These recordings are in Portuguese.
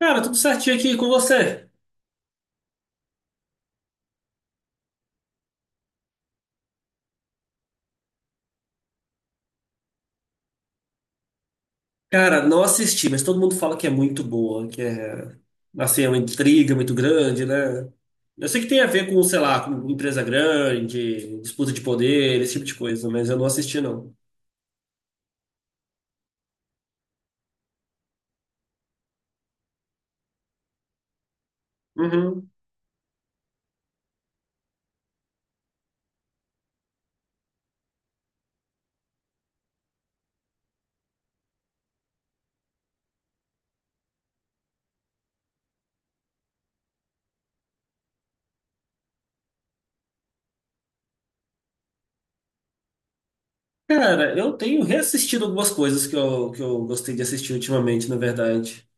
Cara, tudo certinho aqui com você? Cara, não assisti, mas todo mundo fala que é muito boa, que é, assim, é uma intriga muito grande, né? Eu sei que tem a ver com, sei lá, com empresa grande, disputa de poder, esse tipo de coisa, mas eu não assisti, não. Uhum. Cara, eu tenho reassistido algumas coisas que eu gostei de assistir ultimamente, na verdade.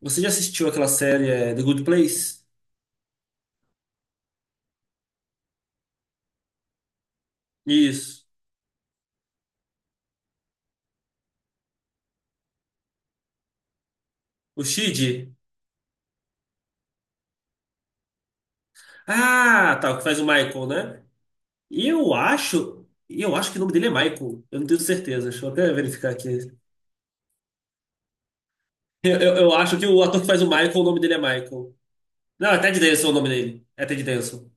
Você já assistiu aquela série The Good Place? Isso. O Shid? Ah, tá, o que faz o Michael, né? E eu acho que o nome dele é Michael. Eu não tenho certeza. Deixa eu até verificar aqui. Eu acho que o ator que faz o Michael, o nome dele é Michael. Não, é Ted Danson o nome dele. É Ted Danson.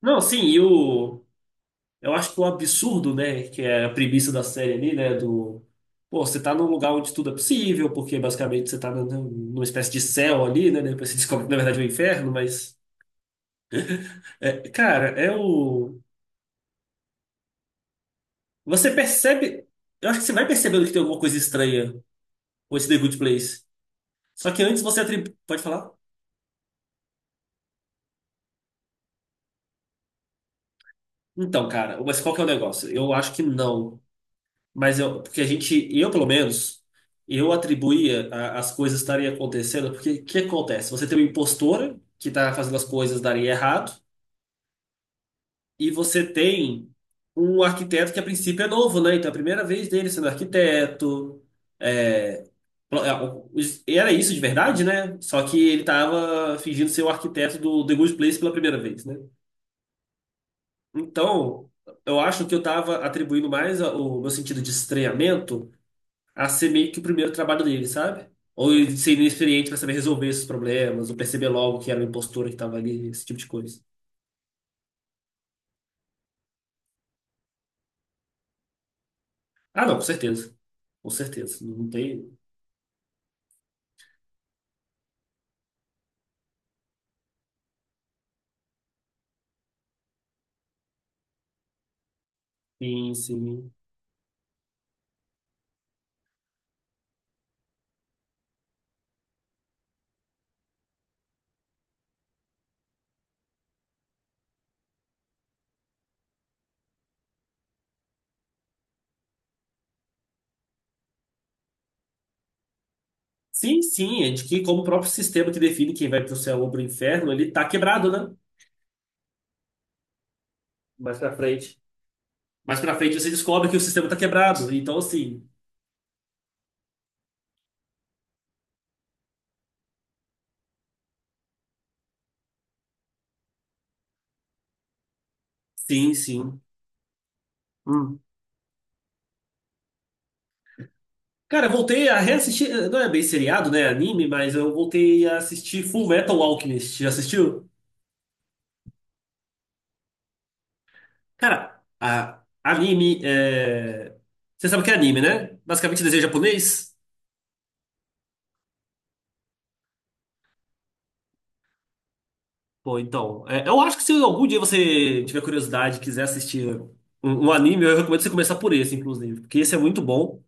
Não, sim, e o. Eu acho que o absurdo, né? Que é a premissa da série ali, né? Do. Pô, você tá num lugar onde tudo é possível, porque basicamente você tá numa espécie de céu ali, né? Depois você descobre que na verdade é um inferno, mas. É, cara, é o. Você percebe. Eu acho que você vai percebendo que tem alguma coisa estranha com esse The Good Place. Só que antes você atribui. Pode falar? Então, cara, mas qual que é o negócio? Eu acho que não. Mas eu, porque a gente, eu pelo menos, eu atribuía as coisas estarem acontecendo, porque o que acontece? Você tem uma impostora que está fazendo as coisas darem errado, e você tem um arquiteto que a princípio é novo, né? Então é a primeira vez dele sendo arquiteto. é, Era isso de verdade, né? Só que ele estava fingindo ser o arquiteto do The Good Place pela primeira vez, né? Então, eu acho que eu tava atribuindo mais o meu sentido de estranhamento a ser meio que o primeiro trabalho dele, sabe? Ou ele ser inexperiente para saber resolver esses problemas, ou perceber logo que era uma impostura que tava ali, esse tipo de coisa. Ah, não, com certeza. Com certeza. Não tem. Sim, sim. Sim, sim, é de que como o próprio sistema que define quem vai pro céu ou pro inferno, ele tá quebrado, né? Mais pra frente. Mais pra frente você descobre que o sistema tá quebrado. Então, assim, sim, sim. Hum. Cara, eu voltei a reassistir. Não é bem seriado, né? Anime, mas eu voltei a assistir Full Metal Alchemist. Já assistiu? Cara, anime é. Você sabe o que é anime, né? Basicamente desenho japonês? Pô, então. Eu acho que se algum dia você tiver curiosidade e quiser assistir um anime, eu recomendo você começar por esse, inclusive, porque esse é muito bom.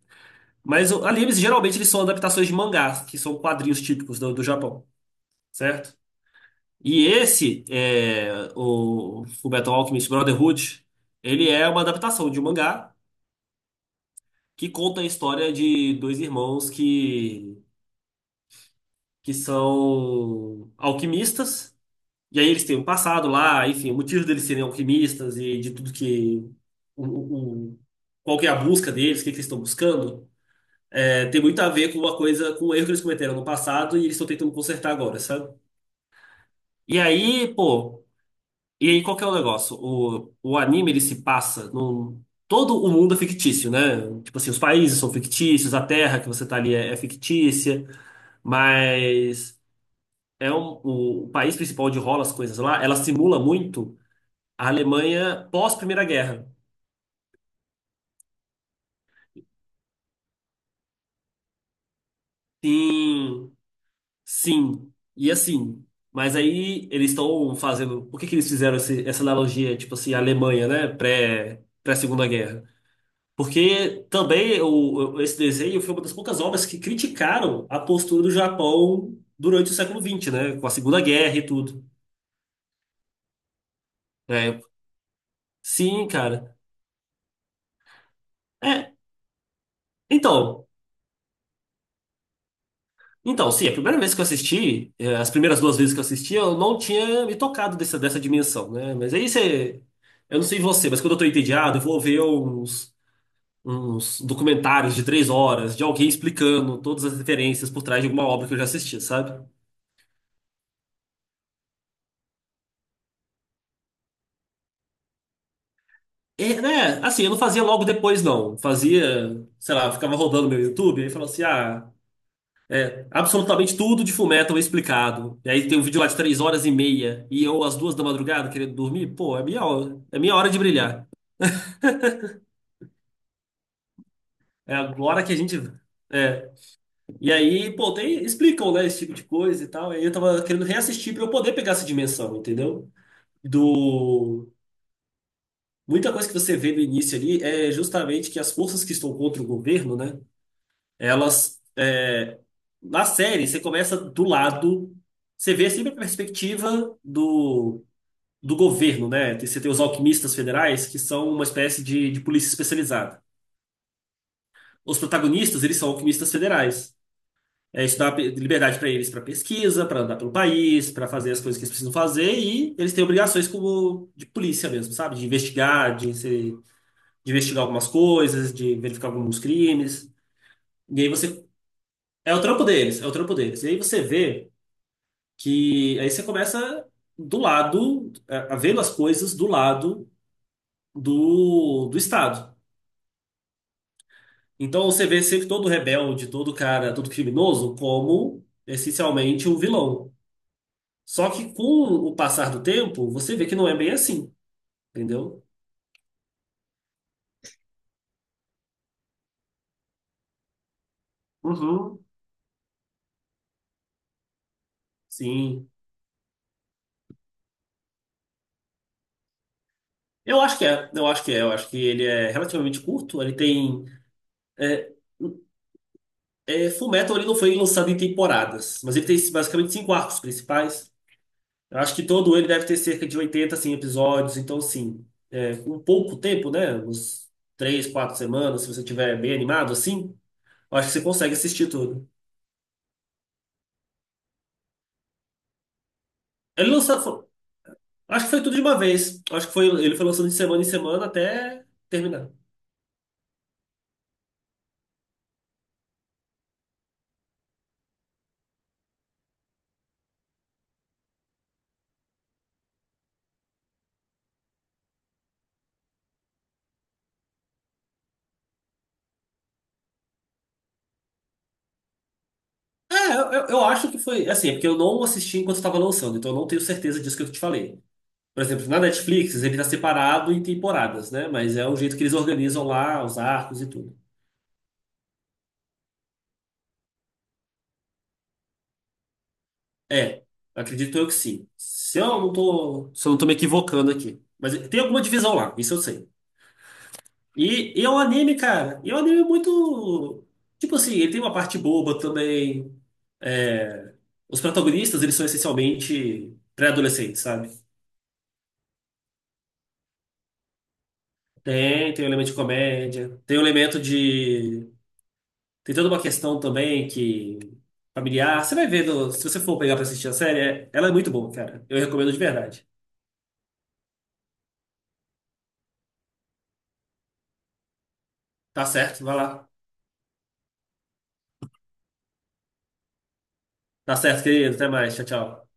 Mas animes geralmente eles são adaptações de mangás, que são quadrinhos típicos do Japão, certo? E esse, o Fullmetal Alchemist Brotherhood, ele é uma adaptação de um mangá que conta a história de dois irmãos que são alquimistas. E aí eles têm um passado lá, enfim, o motivo deles serem alquimistas e de tudo que... O, o, o- Qual que é a busca deles, o que que eles estão buscando. É, tem muito a ver com uma coisa, com um erro que eles cometeram no passado e eles estão tentando consertar agora, sabe? E aí, pô... E aí, qual que é o negócio? O anime, ele se passa num... Todo o mundo é fictício, né? Tipo assim, os países são fictícios, a terra que você tá ali é fictícia, mas é o país principal onde rola as coisas lá, ela simula muito a Alemanha pós-Primeira Guerra. Sim, sim, e assim. Mas aí eles estão fazendo... Por que que eles fizeram essa analogia, tipo assim, a Alemanha, né? Pré-Segunda Guerra? Porque também esse desenho foi uma das poucas obras que criticaram a postura do Japão durante o século XX, né? Com a Segunda Guerra e tudo. É, sim, cara. É, então, então, sim, a primeira vez que eu assisti, as primeiras duas vezes que eu assisti, eu não tinha me tocado dessa dimensão, né? Mas aí você. Eu não sei você, mas quando eu tô entediado, eu vou ver uns documentários de 3 horas de alguém explicando todas as referências por trás de alguma obra que eu já assisti, sabe? É, né? Assim, eu não fazia logo depois, não. Fazia, sei lá, ficava rodando meu YouTube e falava assim: ah, absolutamente tudo de Fullmetal explicado. E aí tem um vídeo lá de 3 horas e meia e eu às 2 da madrugada querendo dormir. Pô, é minha hora de brilhar. É agora que a gente. É. E aí, pô, tem, explicam, né, esse tipo de coisa e tal. E aí eu tava querendo reassistir pra eu poder pegar essa dimensão, entendeu? Do. Muita coisa que você vê no início ali é justamente que as forças que estão contra o governo, né? Elas. Na série, você começa do lado. Você vê sempre a perspectiva do governo, né? Você tem os alquimistas federais, que são uma espécie de polícia especializada. Os protagonistas, eles são alquimistas federais. É, isso dá liberdade para eles para pesquisa, para andar pelo país, para fazer as coisas que eles precisam fazer, e eles têm obrigações como de polícia mesmo, sabe? De investigar, de, se- de investigar algumas coisas, de verificar alguns crimes. E aí você. É o trampo deles, é o trampo deles. E aí você vê. Que aí você começa do lado, a vendo as coisas do lado do Estado. Então você vê sempre todo rebelde, todo cara, todo criminoso como essencialmente um vilão. Só que com o passar do tempo, você vê que não é bem assim, entendeu? Uhum. Sim. Eu acho que ele é relativamente curto, ele tem. É, Fullmetal ele não foi lançado em temporadas, mas ele tem basicamente cinco arcos principais. Eu acho que todo ele deve ter cerca de 80, assim, episódios. Então, assim, um pouco tempo, né? Uns 3, 4 semanas, se você tiver bem animado, assim, eu acho que você consegue assistir tudo. Ele lançou, acho que foi tudo de uma vez. Acho que foi, ele foi lançando de semana em semana até terminar. É, eu acho que foi, assim, é porque eu não assisti enquanto estava lançando, então eu não tenho certeza disso que eu te falei. Por exemplo, na Netflix, ele está separado em temporadas, né? Mas é o jeito que eles organizam lá os arcos e tudo. É, acredito eu que sim. Se eu não tô me equivocando aqui. Mas tem alguma divisão lá, isso eu sei. E é um anime, cara. E é um anime muito. Tipo assim, ele tem uma parte boba também. É, os protagonistas, eles são essencialmente pré-adolescentes, sabe? Tem um elemento de comédia, tem um elemento de. Tem toda uma questão também que. Familiar. Você vai ver, se você for pegar pra assistir a série, ela é muito boa, cara. Eu recomendo de verdade. Tá certo, vai lá. Tá certo, querido. Até mais. Tchau, tchau.